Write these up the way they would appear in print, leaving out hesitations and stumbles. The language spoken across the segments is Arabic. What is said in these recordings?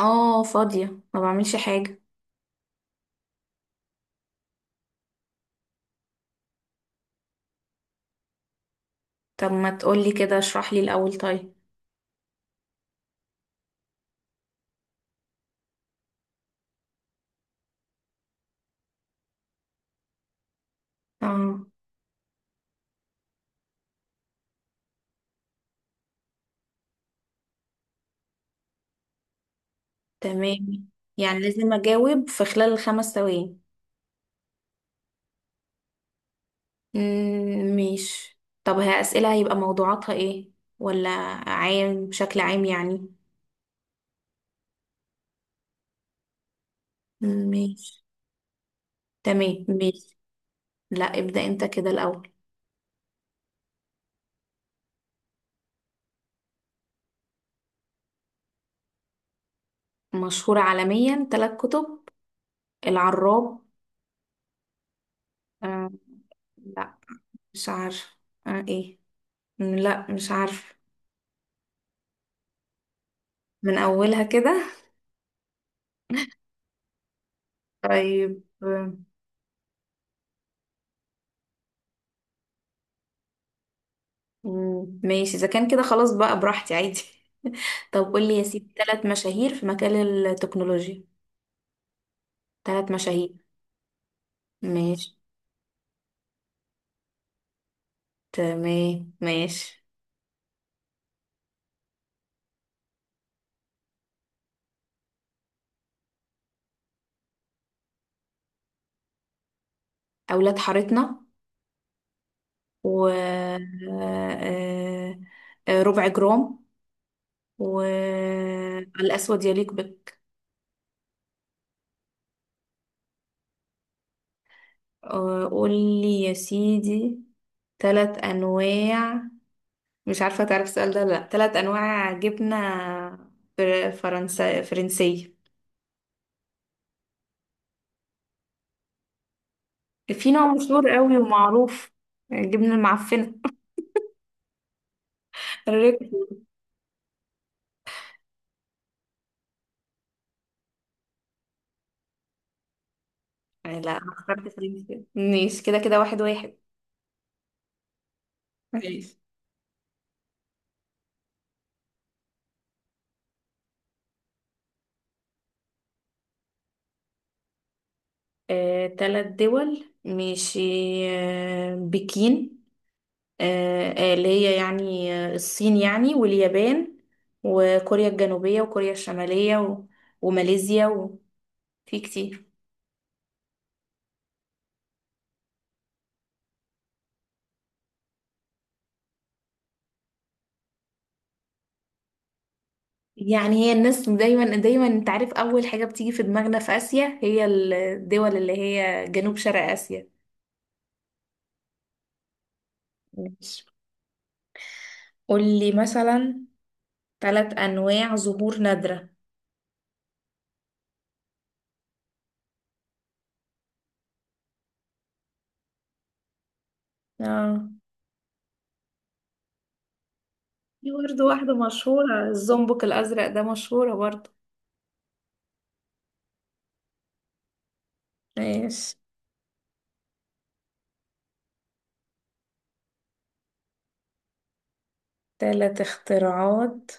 اه، فاضية. ما بعملش حاجة. طب ما تقولي كده، اشرح لي الأول طيب. اه، تمام. يعني لازم أجاوب في خلال الخمس ثواني؟ مم، ماشي. طب هي أسئلة هيبقى موضوعاتها ايه؟ ولا عام؟ بشكل عام يعني. ماشي. تمام، ماشي. لا، ابدأ انت كده الأول. مشهورة عالميا، ثلاث كتب. العراب. آه لا، مش عارفة. ايه. لا، مش عارفة. من أولها كده؟ طيب. مم. ماشي، اذا كان كده خلاص بقى براحتي عادي. طب قول لي يا سيدي، ثلاث مشاهير في مجال التكنولوجيا. ثلاث مشاهير. ماشي. تمام، ماشي. اولاد حارتنا و ربع جرام، والاسود يليق بك. قول لي يا سيدي، ثلاث انواع. مش عارفه تعرف السؤال ده ولا لا، ثلاث انواع جبنه فرنسا فرنسيه. في نوع مشهور قوي ومعروف. الجبنة المعفنة. الريك. يعني لا، أنا اخترت فرنسا كده ماشي، كده كده واحد واحد. ماشي. تلات دول ماشي. بكين. اللي هي يعني الصين، يعني واليابان، وكوريا الجنوبية وكوريا الشمالية، وماليزيا وفي كتير. يعني هي الناس دايما دايما، انت عارف، أول حاجة بتيجي في دماغنا في آسيا هي الدول اللي هي جنوب شرق آسيا. ماشي. قولي مثلا ثلاث أنواع زهور نادرة. اه، في برضه واحدة مشهورة، الزومبك الأزرق ده مشهورة برضه. ماشي. ثلاث اختراعات.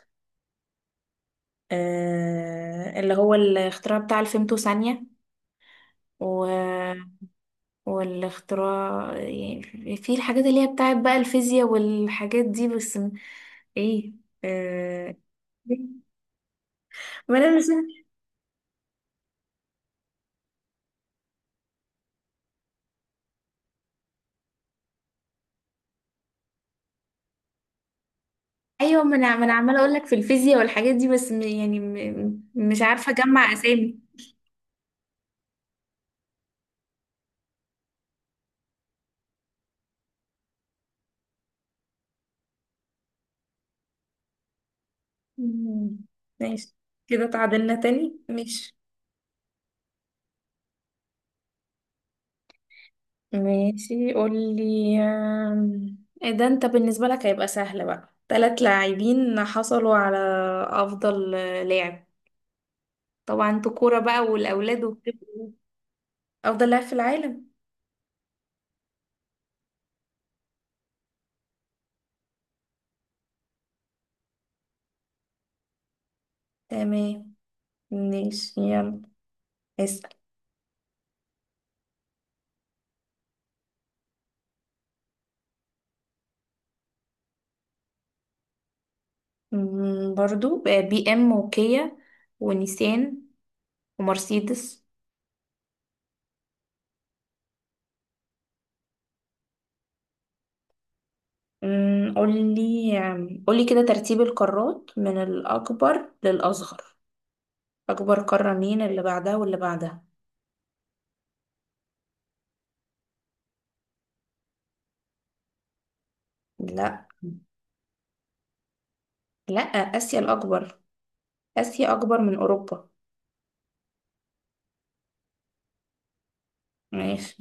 اللي هو الاختراع بتاع الفيمتو ثانية. و... والاختراع، يعني في الحاجات اللي هي بتاعت بقى الفيزياء والحاجات دي بس ايه. آه... ما انا مش ايوه، ما أنا عماله اقول لك في الفيزياء والحاجات دي بس يعني مش عارفه اجمع اسامي. مم. ماشي، كده تعادلنا تاني، ماشي. ماشي. قولي. آم، إيه ده، انت بالنسبة لك هيبقى سهل بقى. تلات لاعبين حصلوا على أفضل لاعب. طبعا انتوا كورة بقى، والأولاد وبتبقوا أفضل لاعب في العالم. تمام، ماشي، يلا اسأل. برضو بي ام وكيا، ونيسان، ومرسيدس. قولي كده ترتيب القارات من الأكبر للأصغر. أكبر قارة مين، اللي بعدها، واللي بعدها؟ لا. لا، آسيا الأكبر. آسيا أكبر من أوروبا. ماشي.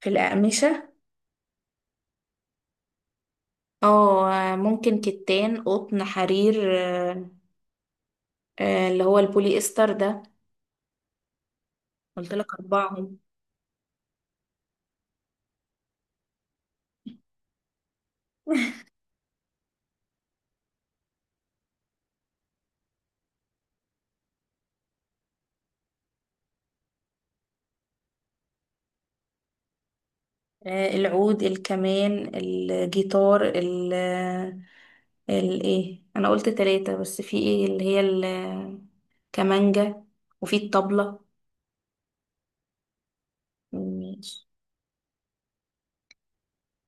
في الأقمشة. اه، ممكن كتان قطن حرير اللي هو البوليستر ده. قلت لك أربعهم. العود الكمان الجيتار الايه، انا قلت ثلاثة بس، في ايه اللي هي الكمانجة، وفي الطبلة.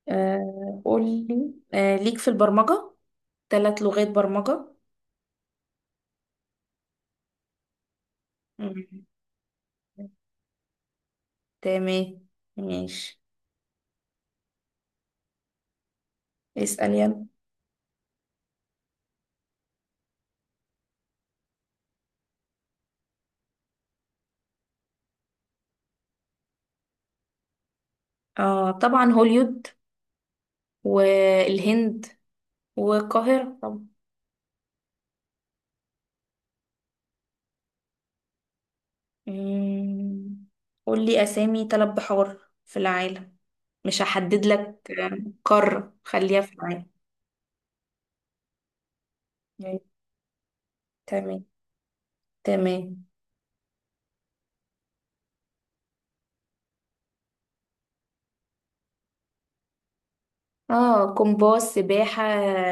قولي. ليك في البرمجة، ثلاث لغات برمجة. مم. تمام، ماشي، اسأل يلا. طبعا هوليود، والهند، والقاهرة طبعا. مم. قولي أسامي ثلاث بحار في العالم. مش هحدد لك قارة، خليها في العالم. مم. تمام، تمام. اه، كومباس سباحة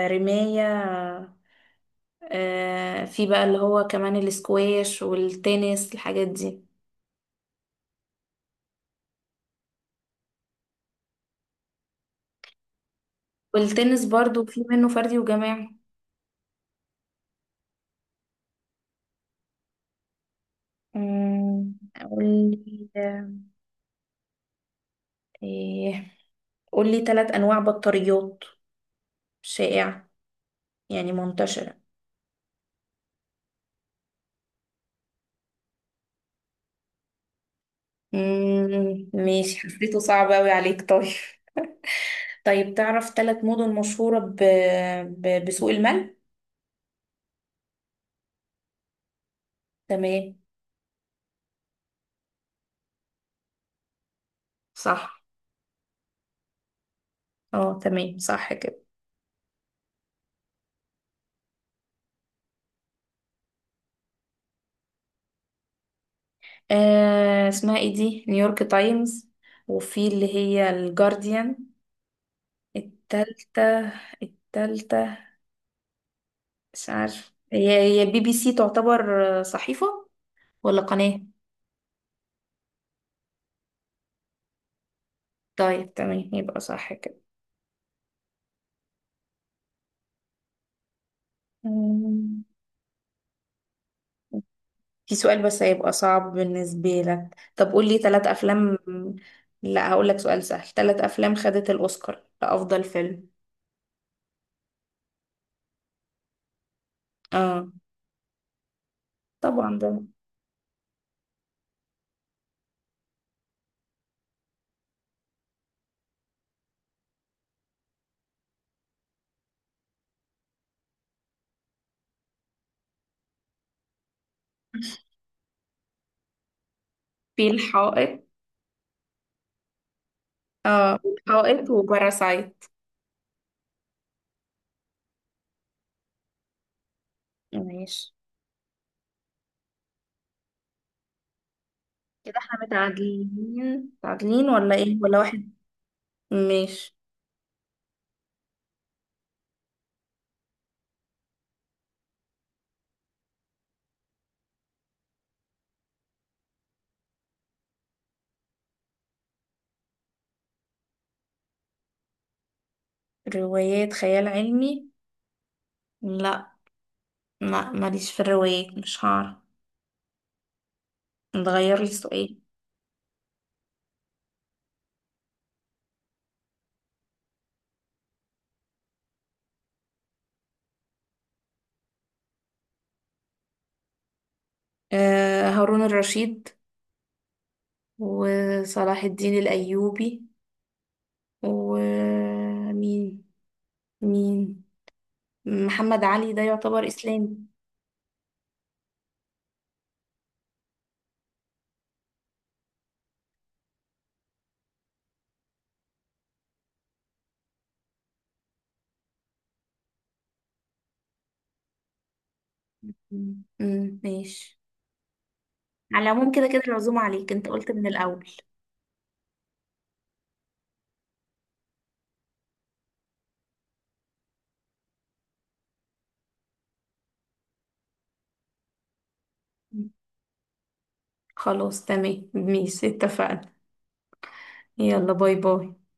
رماية، في بقى اللي هو كمان الاسكواش والتنس الحاجات دي. والتنس برضو في منه فردي وجماعي. قولي إيه، قولي ثلاث أنواع بطاريات شائعة، يعني منتشرة. ماشي، حسيته صعب أوي عليك طيب. طيب تعرف ثلاث مدن مشهورة بسوق المال؟ تمام. صح. اه، تمام صح كده. اسمها ايه دي، نيويورك تايمز، وفي اللي هي الجارديان. التالتة التالتة، مش عارف، هي بي بي سي تعتبر صحيفة ولا قناة؟ طيب تمام، يبقى صح كده. أمم، في سؤال بس هيبقى صعب بالنسبة لك، طب قول لي ثلاث أفلام. لا، هقول لك سؤال سهل، ثلاث أفلام خدت الأوسكار لأفضل فيلم. اه، طبعا ده. في الحائط. اه، الحائط وباراسايت. ماشي، كده احنا متعادلين. متعادلين ولا ايه، ولا واحد؟ ماشي. روايات خيال علمي. لا، ما ماليش في الروايات، مش هعرف. نغير لي السؤال. هارون الرشيد، وصلاح الدين الأيوبي، ومين؟ مين؟ محمد علي ده يعتبر إسلامي؟ مم، مم، ماشي. على العموم كده كده العزومة عليك، انت قلت من الأول. مم. خلاص، تمام، ماشي، اتفقنا. يلا، باي باي.